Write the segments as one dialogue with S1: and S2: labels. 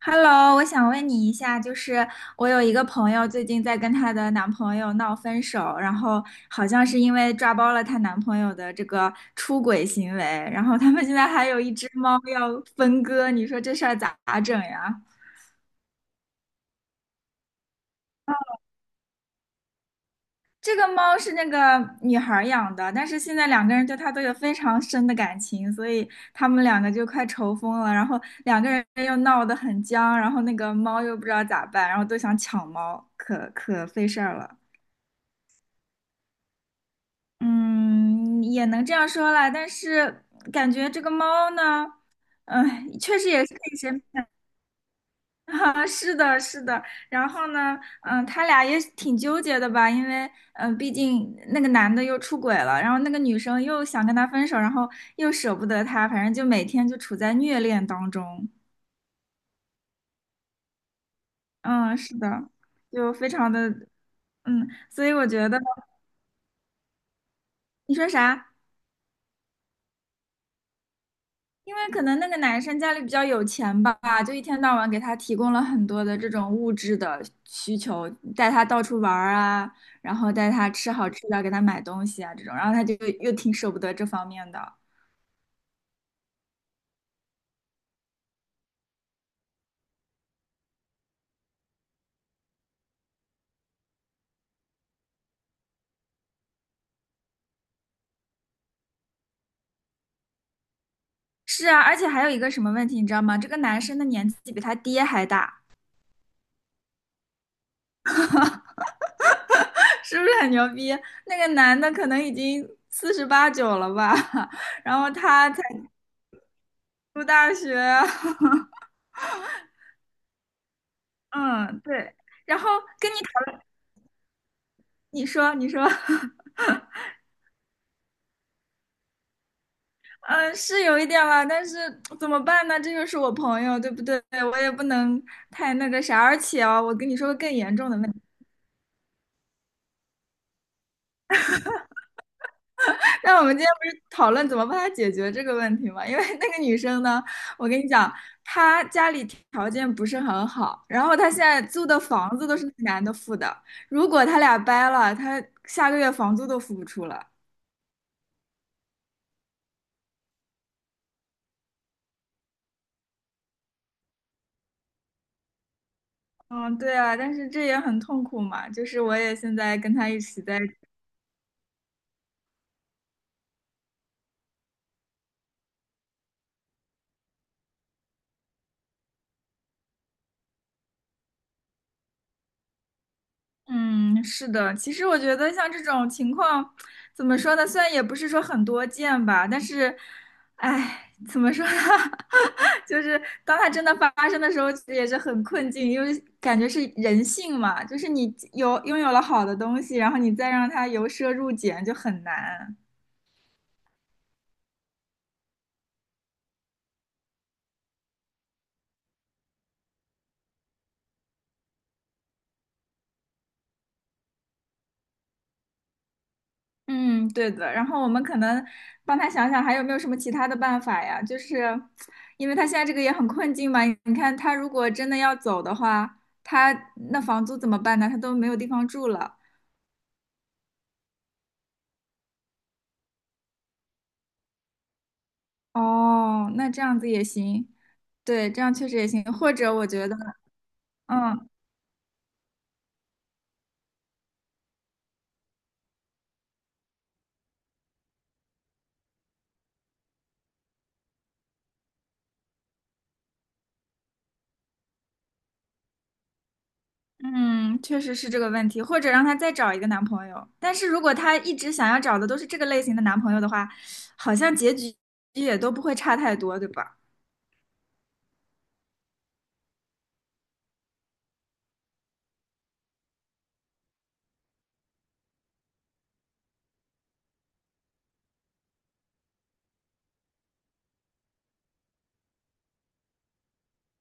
S1: Hello，我想问你一下，就是我有一个朋友最近在跟她的男朋友闹分手，然后好像是因为抓包了她男朋友的这个出轨行为，然后他们现在还有一只猫要分割，你说这事儿咋整呀？这个猫是那个女孩儿养的，但是现在两个人对她都有非常深的感情，所以他们两个就快愁疯了，然后两个人又闹得很僵，然后那个猫又不知道咋办，然后都想抢猫，可费事儿了。嗯，也能这样说啦，但是感觉这个猫呢，嗯、确实也是挺神。 啊，是的，是的。然后呢，嗯、他俩也挺纠结的吧，因为嗯、毕竟那个男的又出轨了，然后那个女生又想跟他分手，然后又舍不得他，反正就每天就处在虐恋当中。嗯，是的，就非常的，嗯，所以我觉得。你说啥？因为可能那个男生家里比较有钱吧，就一天到晚给他提供了很多的这种物质的需求，带他到处玩儿啊，然后带他吃好吃的，给他买东西啊这种，然后他就又挺舍不得这方面的。是啊，而且还有一个什么问题，你知道吗？这个男生的年纪比他爹还大。是不是很牛逼？那个男的可能已经四十八九了吧。然后他才读大学。嗯，对，然后跟你讨，你说，你说。嗯，是有一点了，但是怎么办呢？这就是我朋友，对不对？我也不能太那个啥。而且啊，我跟你说个更严重的问题。那我们今天不是讨论怎么帮他解决这个问题吗？因为那个女生呢，我跟你讲，她家里条件不是很好，然后她现在租的房子都是那男的付的。如果他俩掰了，她下个月房租都付不出了。嗯，对啊，但是这也很痛苦嘛。就是我也现在跟他一起在。嗯，是的，其实我觉得像这种情况，怎么说呢？虽然也不是说很多见吧，但是，哎，怎么说呢？就是当它真的发生的时候，其实也是很困境，因为感觉是人性嘛，就是你有拥有了好的东西，然后你再让它由奢入俭就很难。嗯，对的。然后我们可能帮他想想还有没有什么其他的办法呀？就是因为他现在这个也很困境嘛。你看他如果真的要走的话，他那房租怎么办呢？他都没有地方住了。哦，那这样子也行。对，这样确实也行。或者我觉得，嗯嗯，确实是这个问题。或者让他再找一个男朋友。但是如果他一直想要找的都是这个类型的男朋友的话，好像结局也都不会差太多，对吧？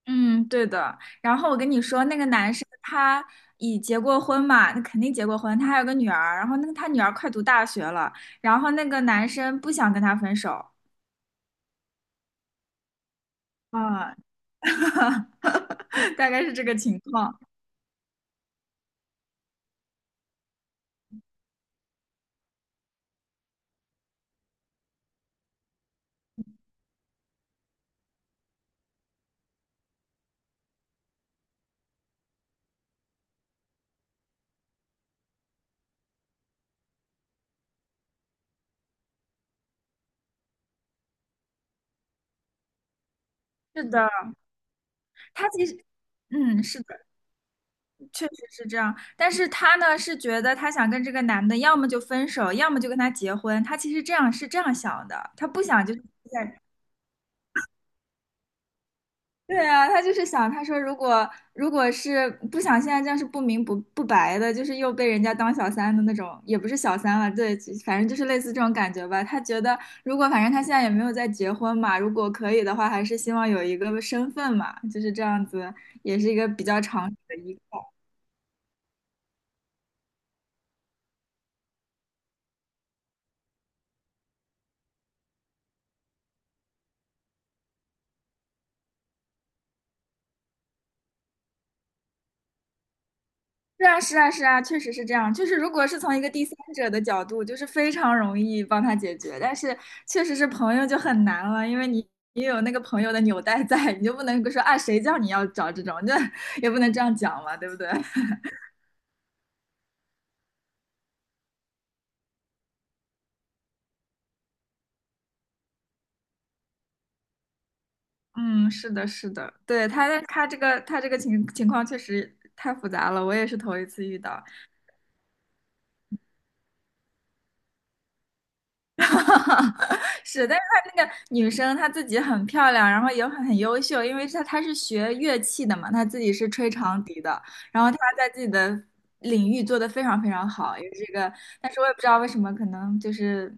S1: 嗯，对的。然后我跟你说，那个男生他已结过婚嘛，那肯定结过婚，他还有个女儿。然后那个他女儿快读大学了，然后那个男生不想跟他分手。啊，大概是这个情况。是的，他其实，嗯，是的，确实是这样。但是他呢是觉得他想跟这个男的，要么就分手，要么就跟他结婚。他其实这样是这样想的，他不想就是。对啊，他就是想，他说如果是不想现在这样是不明不白的，就是又被人家当小三的那种，也不是小三了，对，就反正就是类似这种感觉吧。他觉得如果反正他现在也没有在结婚嘛，如果可以的话，还是希望有一个身份嘛，就是这样子，也是一个比较长久的依。是啊，是啊，是啊，确实是这样。就是如果是从一个第三者的角度，就是非常容易帮他解决，但是确实是朋友就很难了，因为你有那个朋友的纽带在，你就不能说啊谁叫你要找这种，这也不能这样讲嘛，对不对？嗯，是的，是的，对，他这个情况确实太复杂了，我也是头一次遇到。是，但是她那个女生她自己很漂亮，然后也很优秀，因为她是学乐器的嘛，她自己是吹长笛的，然后她在自己的领域做的非常非常好，也是这个，但是我也不知道为什么，可能就是，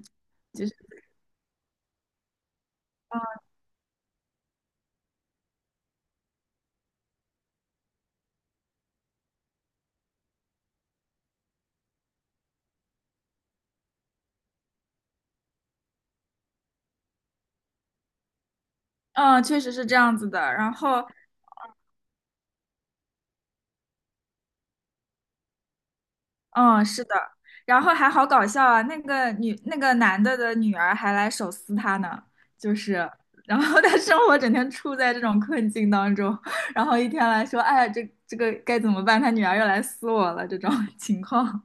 S1: 嗯，确实是这样子的。然后嗯，是的，然后还好搞笑啊，那个女那个男的的女儿还来手撕他呢，就是，然后 他生活整天处在这种困境当中，然后一天来说，哎，这个该怎么办？他女儿又来撕我了，这种 情况。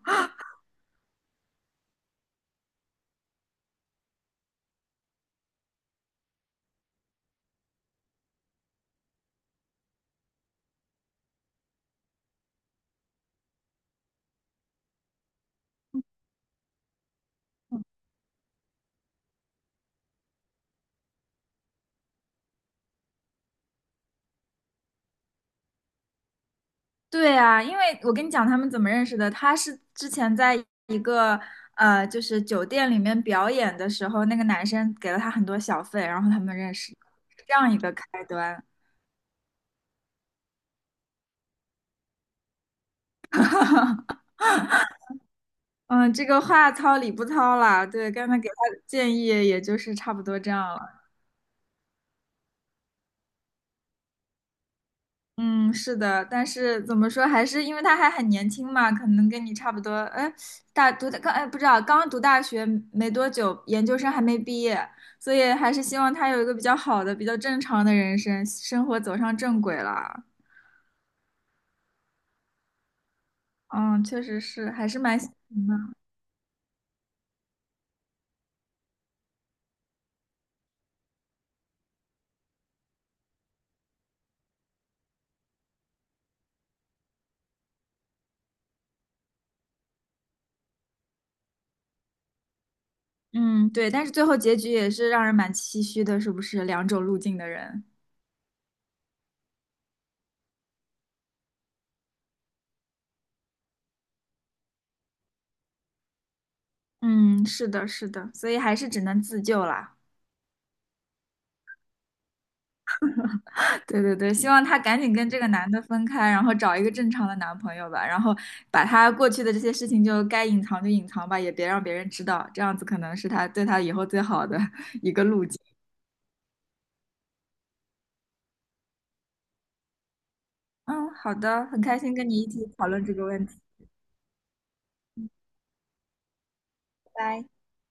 S1: 对啊，因为我跟你讲他们怎么认识的，他是之前在一个就是酒店里面表演的时候，那个男生给了他很多小费，然后他们认识，是这样一个开端。嗯，这个话糙理不糙啦，对，刚才给他的建议也就是差不多这样了。嗯，是的，但是怎么说，还是因为他还很年轻嘛，可能跟你差不多。哎，大读的刚哎不知道，刚读大学没多久，研究生还没毕业，所以还是希望他有一个比较好的、比较正常的人生，生活走上正轨了。嗯，确实是，还是蛮心疼的。嗯，对，但是最后结局也是让人蛮唏嘘的，是不是？两种路径的人。嗯，是的，是的，所以还是只能自救啦。对对对，希望她赶紧跟这个男的分开，然后找一个正常的男朋友吧，然后把她过去的这些事情就该隐藏就隐藏吧，也别让别人知道，这样子可能是她对她以后最好的 一个路径。嗯，好的，很开心跟你一起讨论这个问题，拜拜。